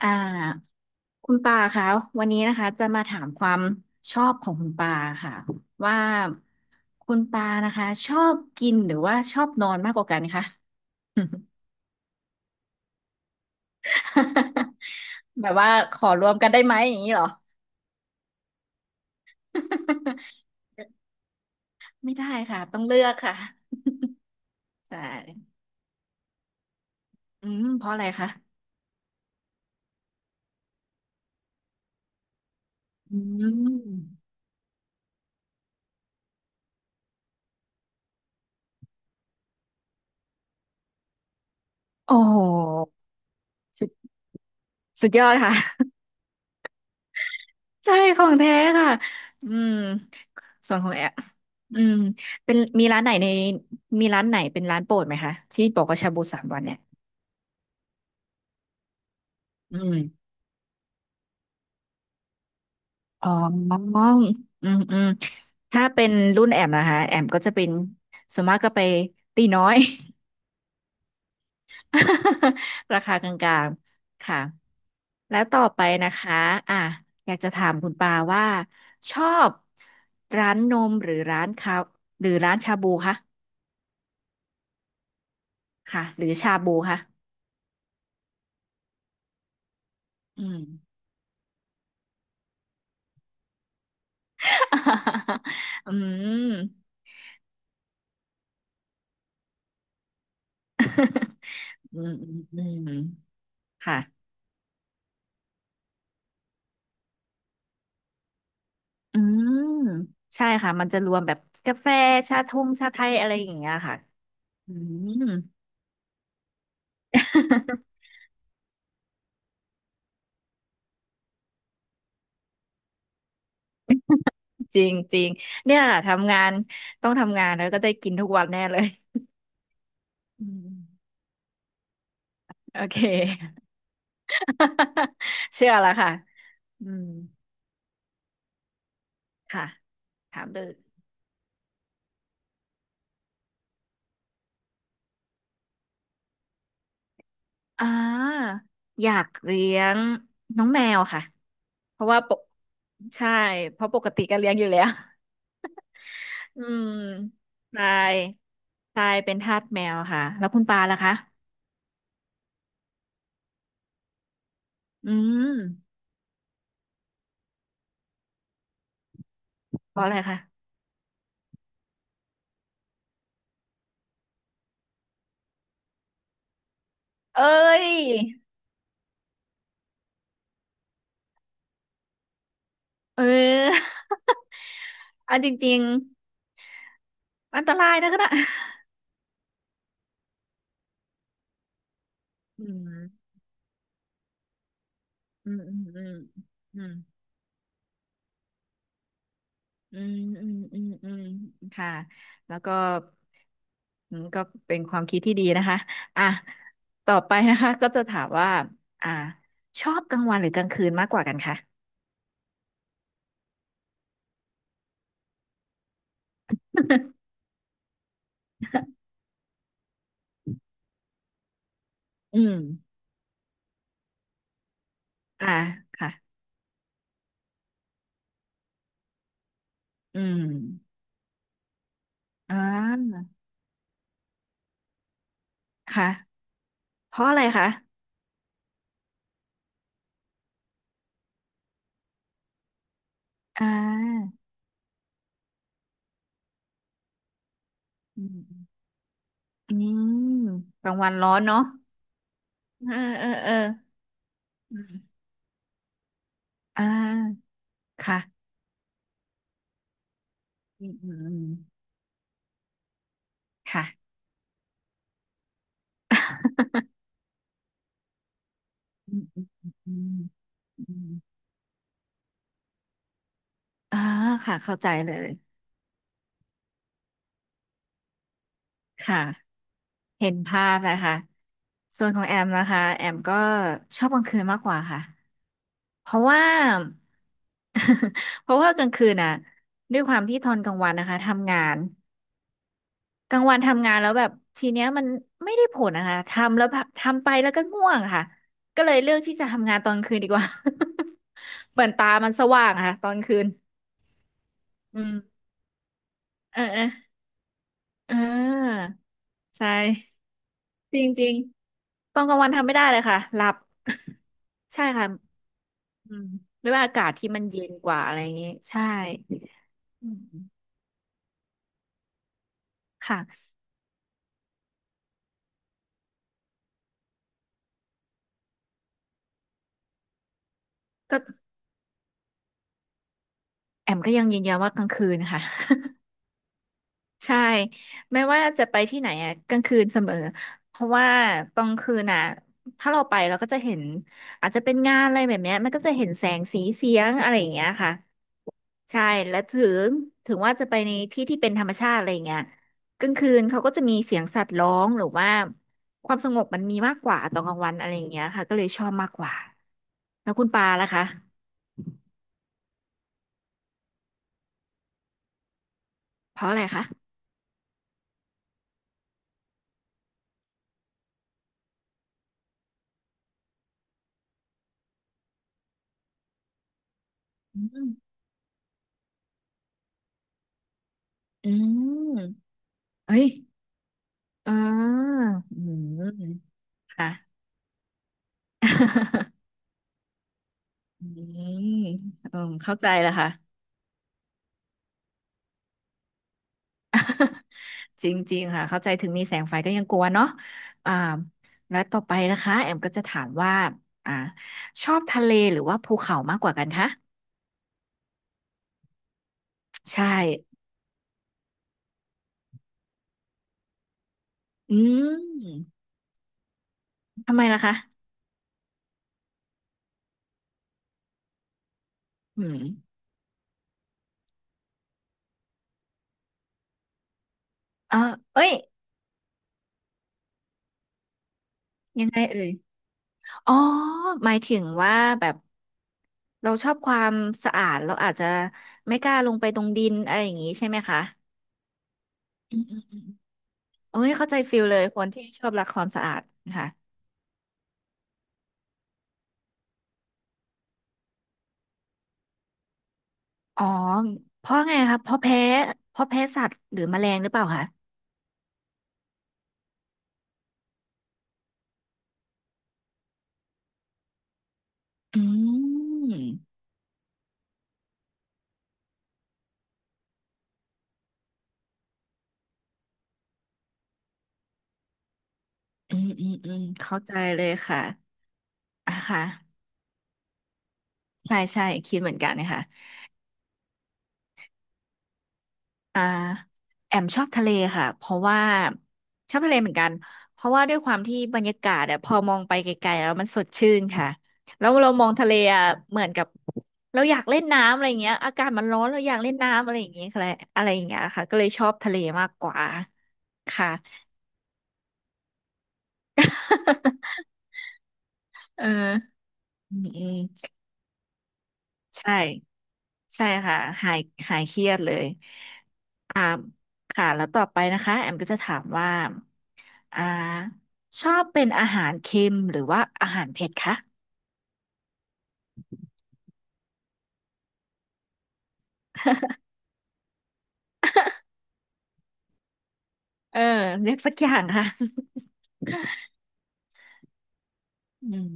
อ่าคุณปาคะวันนี้นะคะจะมาถามความชอบของคุณปาค่ะว่าคุณปานะคะชอบกินหรือว่าชอบนอนมากกว่ากันคะ แบบว่าขอรวมกันได้ไหมอย่างนี้เหรอ ไม่ได้ค่ะต้องเลือกค่ะใช่อืมเพราะอะไรคะอืมโอ้โหสุดสุดยอดค่ะ ใช่ของแท้ค่ะ อืมส่วนของแอปอืมเป็นมีร้านไหนเป็นร้านโปรดไหมคะที่บอกว่าชาบูสามวันเนี่ย อืม อ๋ออืม อืม ถ้าเป็นรุ่นแอมนะคะแอมก็จะเป็นส่วนมากก็ไปตีน้อย ราคากลางๆ ค่ะ แล้วต่อไปนะคะอ่ะอยากจะถามคุณปาว่าชอบร้านนมหรือร้านคาหรือร้านชาบูคะ ค่ะหรือชาบูค่ะอืม อืมอืมอืมอืมค่ะอืมใช่ค่ะมันจะรวมแบบกาแฟชาทงชาไทยอะไรอย่างเงี้ยค่ะอืมจริงจริงเนี่ยทำงานต้องทำงานแล้วก็ได้กินทุกวันแน่เลยอืมโอเค เชื่อแล้วค่ะอืมค่ะถามเลยอ่าอยากเลี้ยงน้องแมวค่ะ เพราะว่าปกใช่เพราะปกติก็เลี้ยงอยู่แล้ว อืมทรายทรายเป็นทาสแมวค่ะแล้วคุณปาล่ะคะอืมเพราะอะไรคะเอ้ยเออ อันจริงๆอันตรายนะคะน่ะ อืมอืมอืมอืมอืม อืมอืมอืมอืมค่ะแล้วก็อืมก็เป็นความคิดที่ดีนะคะอ่ะต่อไปนะคะก็จะถามว่าอ่าชอบกลางวันหรือกลางคืนมากกว่ากันคะ อืมอ่าค่ะอืมอ่าค่ะเพราะอะไรคะอ่าอืมอืมกลางวันร้อนเนาะเออเออเอออืมอ่าค่ะอืมอืมอืมค่ะ อืมอืมอืมอืม อ่าค่ะเข้าใจเลยค่ะเห็นภาพนะคะส่วนของแอมนะคะแอมก็ชอบกลางคืนมากกว่าค่ะเพราะว่า เพราะว่ากลางคืนน่ะด้วยความที่ทอนกลางวันนะคะทำงานกลางวันทำงานแล้วแบบทีเนี้ยมันไม่ได้ผลนะคะทำแล้วแบบทำไปแล้วก็ง่วงค่ะก็เลยเลือกที่จะทำงานตอนกลางคืนดีกว่า เหมือนตามันสว่างอะค่ะตอนคืนอืมเออเออเออใช่ จริงจริงตอนกลางวันทำไม่ได้เลยค่ะหลับ ใช่ค่ะอืมด้วยว่าอากาศที่มันเย็นกว่าอะไรอย่างงี้ใช่อืมค่ะก็แอมก็ยังยืนยันว่ากลางคืนค่ะ ใช่ไม่ว่าจะไปที่ไหนอะกลางคืนเสมอเพราะว่าตอนคืนอ่ะถ้าเราไปเราก็จะเห็นอาจจะเป็นงานอะไรแบบเนี้ยมันก็จะเห็นแสงสีเสียงอะไรอย่างเงี้ยค่ะ ใช่และงถึงว่าจะไปในที่ที่เป็นธรรมชาติอะไรอย่างเงี้ยกลางคืนเขาก็จะมีเสียงสัตว์ร้องหรือว่าความสงบมันมีมากกว่าตอนกลางวันอะไรอย่างเงี้ยค่ะก็เลยชอบมากกว่าแล้วคุณปาล่ะคะเพราะอะไรคะอืมอืมเอ้ยเอออืมค่ะ อืมเออเข้าใจแล้วค่ะ จริงๆ ค่ะ เข้าใจถึงมีแสงไฟก็ยังกลัวเนาะอ่าและต่อไปนะคะแอมก็จะถามว่าอ่าชอบทะเลหรือว่าภูเขามากกว่ากันคะใช่อืมทำไมล่ะคะอืมเออเอ้ยยังไงเอ่ยอ๋อหมายถึงว่าแบบเราชอบความสะอาดเราอาจจะไม่กล้าลงไปตรงดินอะไรอย่างนี้ใช่ไหมคะอืมอืมอืมโอ้ยเข้าใจฟิลเลยคนที่ชอบรักความสะอาดค่ะ อ๋อเพราะไงครับเพราะแพ้สัตว์หรือแมลงหรือเปล่าคะอืมอืมอืมอืมเข้าใจเลยค่ะอ่ะค่ะใช่ใช่คิดเหมือนกันนะคะอ่าแอมชอบทะเลค่ะเพราะว่าชอบทะเลเหมือนกันเพราะว่าด้วยความที่บรรยากาศอะพอมองไปไกลๆแล้วมันสดชื่นค่ะแล้วเรามองทะเลอะเหมือนกับเราอยากเล่นน้ำอะไรเงี้ยอากาศมันร้อนเราอยากเล่นน้ำอะไรอย่างเงี้ยค่ะอะไรอย่างเงี้ยค่ะก็เลยชอบทะเลมากกว่าค่ะ เอออืมอืมใช่ใช่ค่ะหายหายเครียดเลยอ่าค่ะแล้วต่อไปนะคะแอมก็จะถามว่าอ่าชอบเป็นอาหารเค็มหรือว่าอาหารเผ็ดคะเออเลือกสักอย่างค่ะอืม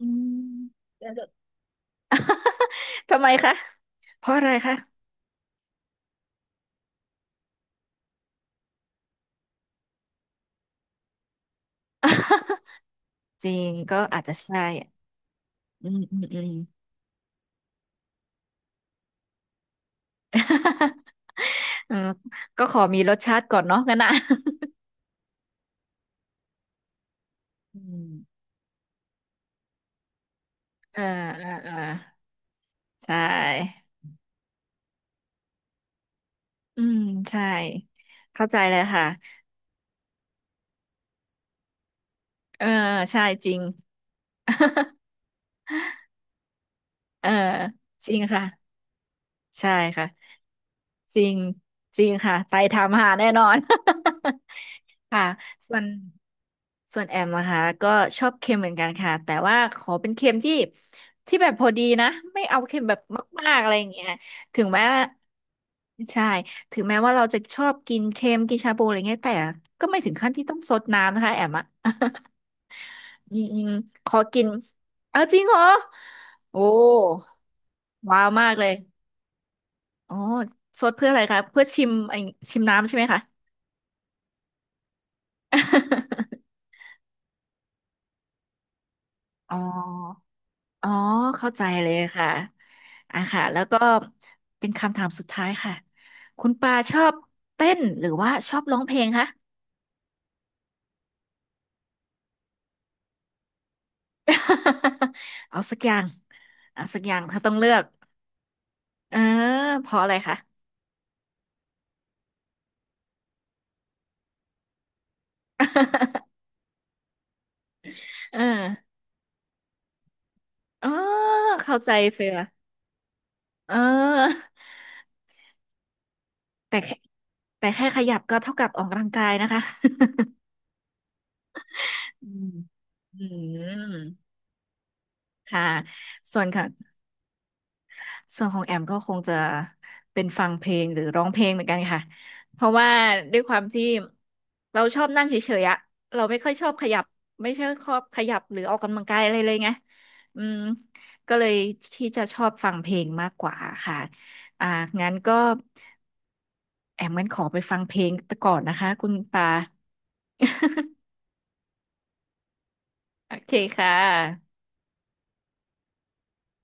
อืมทำไมคะเพราะอะไรคะ จริงก็อาจจะใช่อืมอืมอืม เออก็ขอมีรสชาติก่อนเนาะงั้นนะอืม เออเออเออ ใช่อืมใช่เข้าใจเลยค่ะเออใช่จริง เออจริงค่ะใช่ค่ะจริงจริงค่ะไปทำหาแน่นอน ค่ะส่วนส่วนแอมนะคะก็ชอบเค็มเหมือนกันค่ะแต่ว่าขอเป็นเค็มที่ที่แบบพอดีนะไม่เอาเค็มแบบมากๆอะไรอย่างเงี้ยถึงแม้ว่าใช่ถึงแม้ว่าเราจะชอบกินเค็มกินชาบูอะไรเงี้ยแต่ก็ไม่ถึงขั้นที่ต้องซดน้ำนะคะแอมอะ อืมอืมขอกิน เอาจริงเหรอโอ้ ว้าวมากเลยอ๋อซดเพื่ออะไรคะเพื่อชิมไอชิมน้ำใช่ไหมคะ อ๋ออ๋อเข้าใจเลยค่ะอ่ะค่ะแล้วก็ เป็นคำถามสุดท้ายค่ะ คุณปาชอบเต้นหรือว่าชอบร้องเพลงคะ เอาสักอย่างเอาสักอย่างถ้าต้องเลือกเออเพราะอะไรคะ เอออ๋อเข้าใจเฟีย เออแต่แค่แต่แค่ขยับก็เท่ากับออกกำลังกายนะคะ อืมอืมค่ะส่วนค่ะส่วนของแอมก็คงจะเป็นฟังเพลงหรือร้องเพลงเหมือนกันค่ะเพราะว่าด้วยความที่เราชอบนั่งเฉยๆอะเราไม่ค่อยชอบขยับไม่ใช่ชอบขยับหรือออกกำลังกายอะไรเลยไงอืมก็เลยที่จะชอบฟังเพลงมากกว่าค่ะอ่างั้นก็แอมงั้นขอไปฟังเพลงก่อนนะคะคุณปา โอเคค่ะ